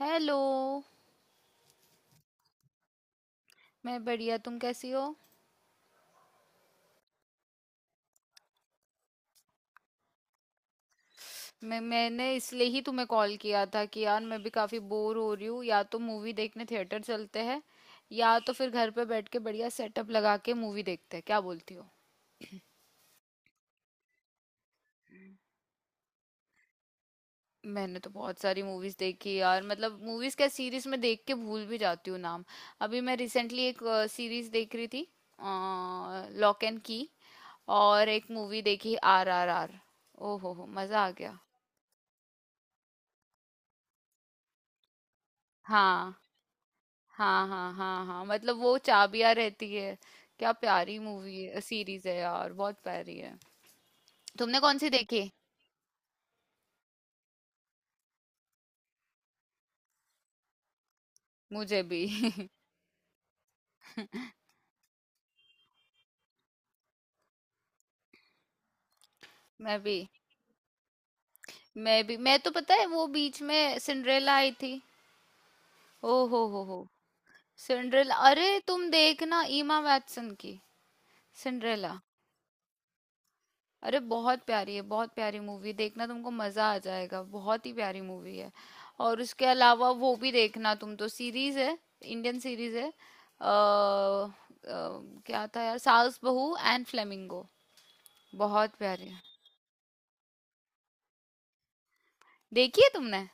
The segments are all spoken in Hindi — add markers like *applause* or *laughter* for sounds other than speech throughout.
हेलो। मैं बढ़िया। तुम कैसी हो? मैंने इसलिए ही तुम्हें कॉल किया था कि यार मैं भी काफ़ी बोर हो रही हूँ। या तो मूवी देखने थिएटर चलते हैं, या तो फिर घर पे बैठ के बढ़िया सेटअप लगा के मूवी देखते हैं। क्या बोलती हो? मैंने तो बहुत सारी मूवीज़ देखी यार, मतलब मूवीज़ क्या सीरीज़ में देख के भूल भी जाती हूँ नाम। अभी मैं रिसेंटली एक सीरीज़ देख रही थी, लॉक एंड की। और एक मूवी देखी, आर आर आर। ओ हो, मज़ा आ गया। हाँ, हाँ हाँ हाँ हाँ, मतलब वो चाबियां रहती है। क्या प्यारी मूवी है, सीरीज है यार, बहुत प्यारी है। तुमने कौन सी देखी? मुझे भी *laughs* मैं भी मैं तो, पता है, वो बीच में सिंड्रेला आई थी। ओ हो हो। सिंड्रेला, अरे तुम देखना, ईमा वैटसन की सिंड्रेला। अरे बहुत प्यारी है, बहुत प्यारी मूवी, देखना तुमको मजा आ जाएगा, बहुत ही प्यारी मूवी है। और उसके अलावा वो भी देखना, तुम, तो सीरीज है, इंडियन सीरीज है। क्या था यार, सास बहू एंड फ्लेमिंगो। बहुत प्यारी है। देखी है तुमने?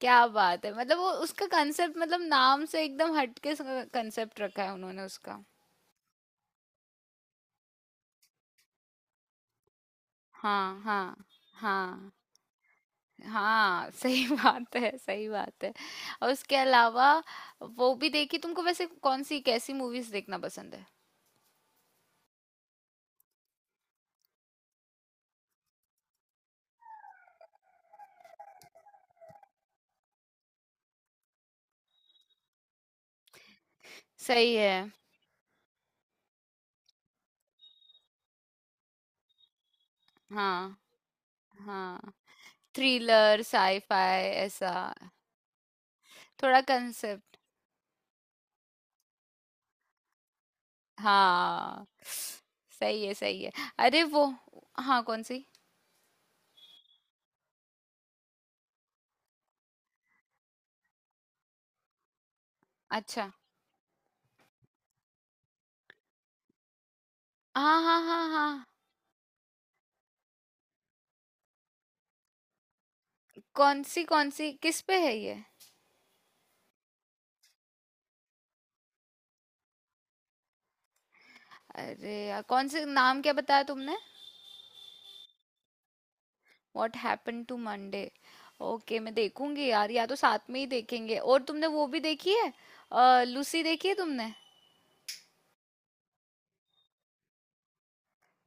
क्या बात है, मतलब वो उसका कंसेप्ट, मतलब नाम से एकदम हटके कंसेप्ट रखा है उन्होंने उसका। हाँ हाँ। हाँ हाँ। सही *laughs* बात है, सही बात है। और उसके अलावा वो भी देखी तुमको। वैसे कौन सी, कैसी मूवीज देखना पसंद है? सही है। हाँ हाँ, थ्रिलर साईफाई ऐसा, थोड़ा कंसेप्ट। हाँ, सही है, सही है। अरे वो, हाँ, कौन सी? अच्छा, हाँ हाँ हाँ हाँ। कौन सी, कौन सी, किस पे है ये? अरे यार, कौन से, नाम क्या बताया तुमने? What happen to Monday. Okay, मैं देखूंगी यार, या तो साथ में ही देखेंगे। और तुमने वो भी देखी है? लूसी देखी है तुमने?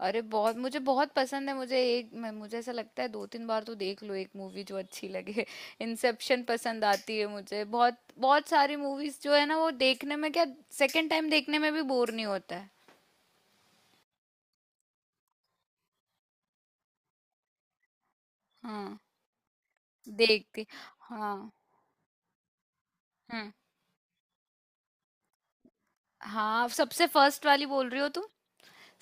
अरे बहुत, मुझे बहुत पसंद है, मुझे एक मैं मुझे ऐसा लगता है, दो तीन बार तो देख लो एक मूवी जो अच्छी लगे *laughs* इंसेप्शन पसंद आती है मुझे बहुत। बहुत सारी मूवीज जो है ना वो देखने में क्या, सेकंड टाइम देखने में भी बोर नहीं होता है। हाँ, देखती। हाँ। हम्म। हाँ, सबसे फर्स्ट वाली बोल रही हो तुम?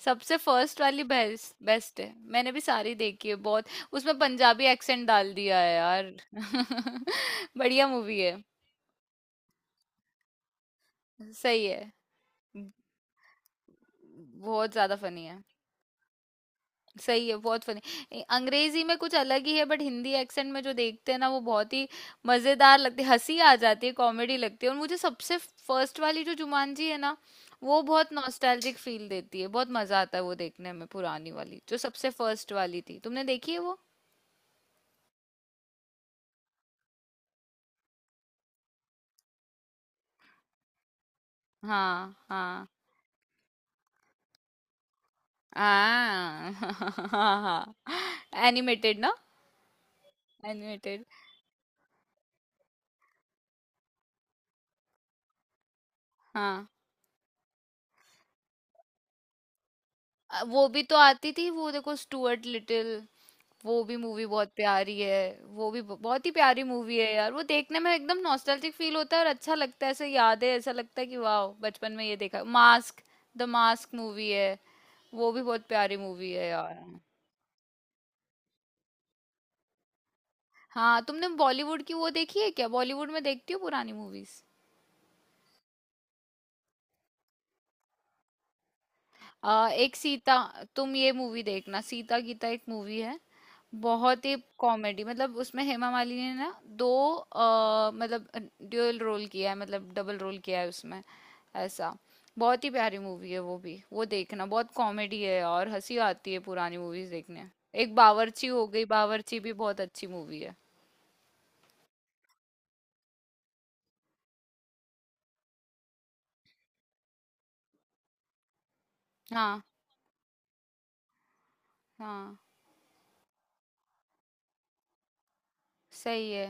सबसे फर्स्ट वाली बेस्ट, बेस्ट है, मैंने भी सारी देखी है बहुत। उसमें पंजाबी एक्सेंट डाल दिया है यार *laughs* बढ़िया मूवी है। सही है। बहुत ज्यादा फनी है। सही है, बहुत फनी अंग्रेजी में कुछ अलग ही है, बट हिंदी एक्सेंट में जो देखते हैं ना वो बहुत ही मजेदार लगती है, हंसी आ जाती है, कॉमेडी लगती है। और मुझे सबसे फर्स्ट वाली जो जुमानजी है ना, वो बहुत नॉस्टैल्जिक फील देती है, बहुत मजा आता है वो देखने में, पुरानी वाली जो सबसे फर्स्ट वाली थी। तुमने देखी है वो? हाँ। हाँ हाँ *laughs* हाँ। एनिमेटेड ना? एनिमेटेड। हाँ। वो भी तो आती थी, वो देखो, स्टुअर्ट लिटिल, वो भी मूवी बहुत प्यारी है। वो भी बहुत ही प्यारी मूवी है यार, वो देखने में एकदम नॉस्टैल्जिक फील होता है और अच्छा लगता है, ऐसे यादें, ऐसा लगता है कि वाह बचपन में ये देखा। मास्क, द मास्क मूवी है, वो भी बहुत प्यारी मूवी है यार। हाँ, तुमने बॉलीवुड की वो देखी है क्या? बॉलीवुड में देखती हो पुरानी मूवीज? एक सीता, तुम ये मूवी देखना, सीता गीता एक मूवी है, बहुत ही कॉमेडी, मतलब उसमें हेमा मालिनी ने ना दो, मतलब ड्यूअल रोल किया है, मतलब डबल रोल किया है उसमें, ऐसा। बहुत ही प्यारी मूवी है वो भी, वो देखना, बहुत कॉमेडी है और हंसी आती है पुरानी मूवीज देखने। एक बावर्ची हो गई, बावर्ची भी बहुत अच्छी मूवी है। हाँ हाँ। सही है,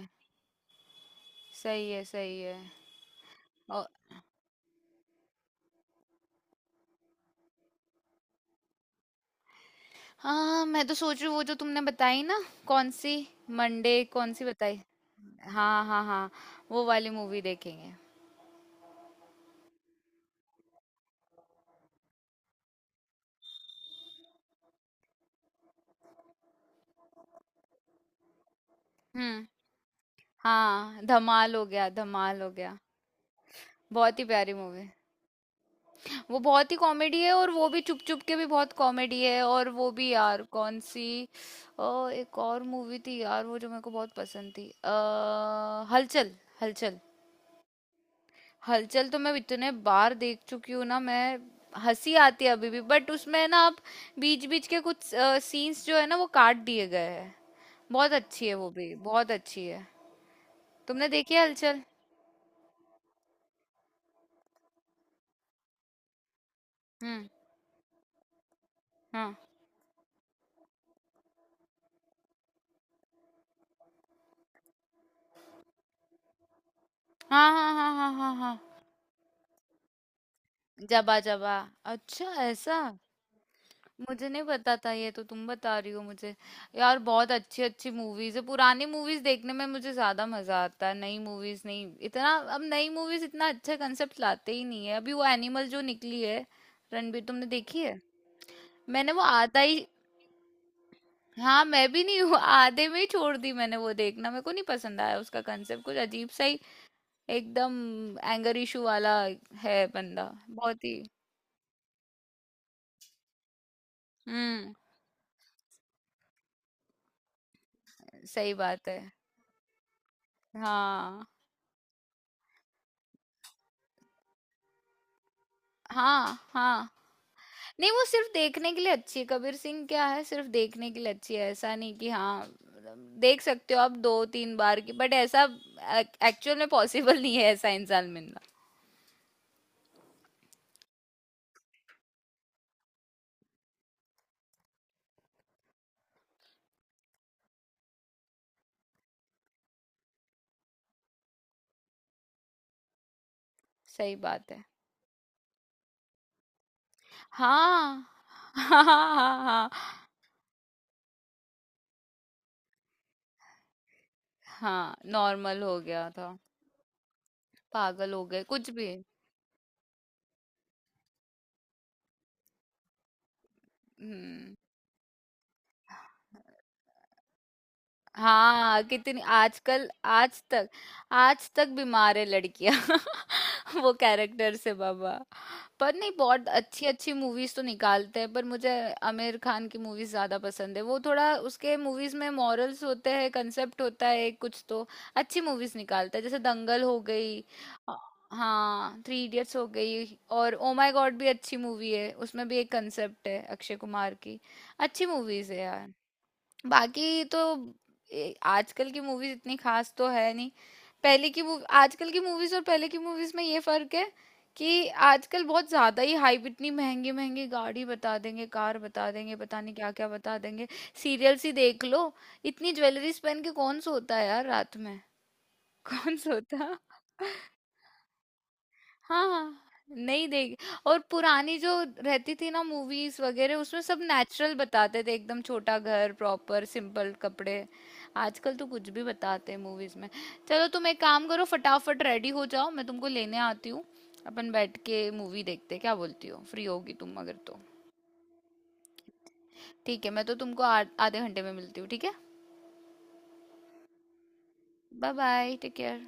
सही है। सही है। हाँ, मैं तो सोच रही हूँ वो जो तुमने बताई ना, कौन सी, मंडे, कौन सी बताई? हाँ हाँ हाँ। वो वाली मूवी देखेंगे। हम्म। हाँ, धमाल हो गया, धमाल हो गया। बहुत ही प्यारी मूवी। वो बहुत ही कॉमेडी है, और वो भी चुप चुप के भी बहुत कॉमेडी है, और वो भी यार, कौन सी, एक और मूवी थी यार, वो जो मेरे को बहुत पसंद थी, हलचल। हलचल। हलचल तो मैं इतने बार देख चुकी हूँ ना मैं। हंसी आती है अभी भी, बट उसमें ना आप, बीच बीच के कुछ सीन्स जो है ना वो काट दिए गए हैं। बहुत अच्छी है, वो भी बहुत अच्छी है। तुमने देखी है हलचल? हम्म। हाँ हाँ हाँ हाँ हाँ हाँ हाँ। जबा जबा। अच्छा, ऐसा? मुझे नहीं पता था, ये तो तुम बता रही हो मुझे। यार बहुत अच्छी अच्छी मूवीज है, पुरानी मूवीज देखने में मुझे ज्यादा मजा आता है, नई मूवीज नहीं इतना। अब नई मूवीज इतना अच्छा कंसेप्ट लाते ही नहीं है। अभी वो एनिमल जो निकली है, रणबीर, तुमने देखी है? मैंने वो आधा ही। हाँ, मैं भी नहीं हूँ, आधे में ही छोड़ दी मैंने, वो देखना मेरे को नहीं पसंद आया, उसका कंसेप्ट कुछ अजीब सा ही, एकदम एंगर इशू वाला है बंदा बहुत ही। हम्म। सही बात है। हाँ हाँ हाँ। नहीं, वो सिर्फ देखने के लिए अच्छी है कबीर सिंह, क्या है, सिर्फ देखने के लिए अच्छी है, ऐसा नहीं कि, हाँ मतलब देख सकते हो आप दो तीन बार की, बट ऐसा एक्चुअल में पॉसिबल नहीं है, ऐसा इंसान मिलना। सही बात है। हाँ। हाँ हाँ हाँ हाँ, नॉर्मल हो गया था। पागल हो गए, कुछ भी। हम्म। हाँ, कितनी आजकल, आज तक, आज तक बीमार है लड़कियां। *laughs* वो कैरेक्टर से बाबा। पर नहीं, बहुत अच्छी अच्छी मूवीज तो निकालते हैं, पर मुझे आमिर खान की मूवीज ज्यादा पसंद है। वो थोड़ा, उसके मूवीज में मॉरल्स होते हैं, कंसेप्ट होता है कुछ तो, अच्छी मूवीज निकालता है, जैसे दंगल हो गई, अ, हाँ थ्री इडियट्स हो गई, और ओ माय गॉड भी अच्छी मूवी है, उसमें भी एक कंसेप्ट है, अक्षय कुमार की। अच्छी मूवीज है यार, बाकी तो, आजकल की मूवीज इतनी खास तो है नहीं। पहले की मूवी, आजकल की मूवीज और पहले की मूवीज में ये फर्क है कि आजकल बहुत ज्यादा ही हाइप, इतनी महंगी महंगी गाड़ी बता देंगे, कार बता देंगे, पता नहीं क्या क्या बता देंगे। सीरियल्स ही देख लो, इतनी ज्वेलरीज पहन के कौन सोता है यार रात में? *laughs* कौन सोता। हाँ, नहीं देख। और पुरानी जो रहती थी ना मूवीज वगैरह, उसमें सब नेचुरल बताते थे, एकदम छोटा घर, प्रॉपर सिंपल कपड़े। आजकल तो कुछ भी बताते हैं मूवीज में। चलो तुम एक काम करो, फटाफट रेडी हो जाओ, मैं तुमको लेने आती हूँ, अपन बैठ के मूवी देखते हैं, क्या बोलती हो, फ्री होगी तुम अगर तो? ठीक है, मैं तो तुमको आधे घंटे में मिलती हूँ, ठीक है? Bye bye, take care.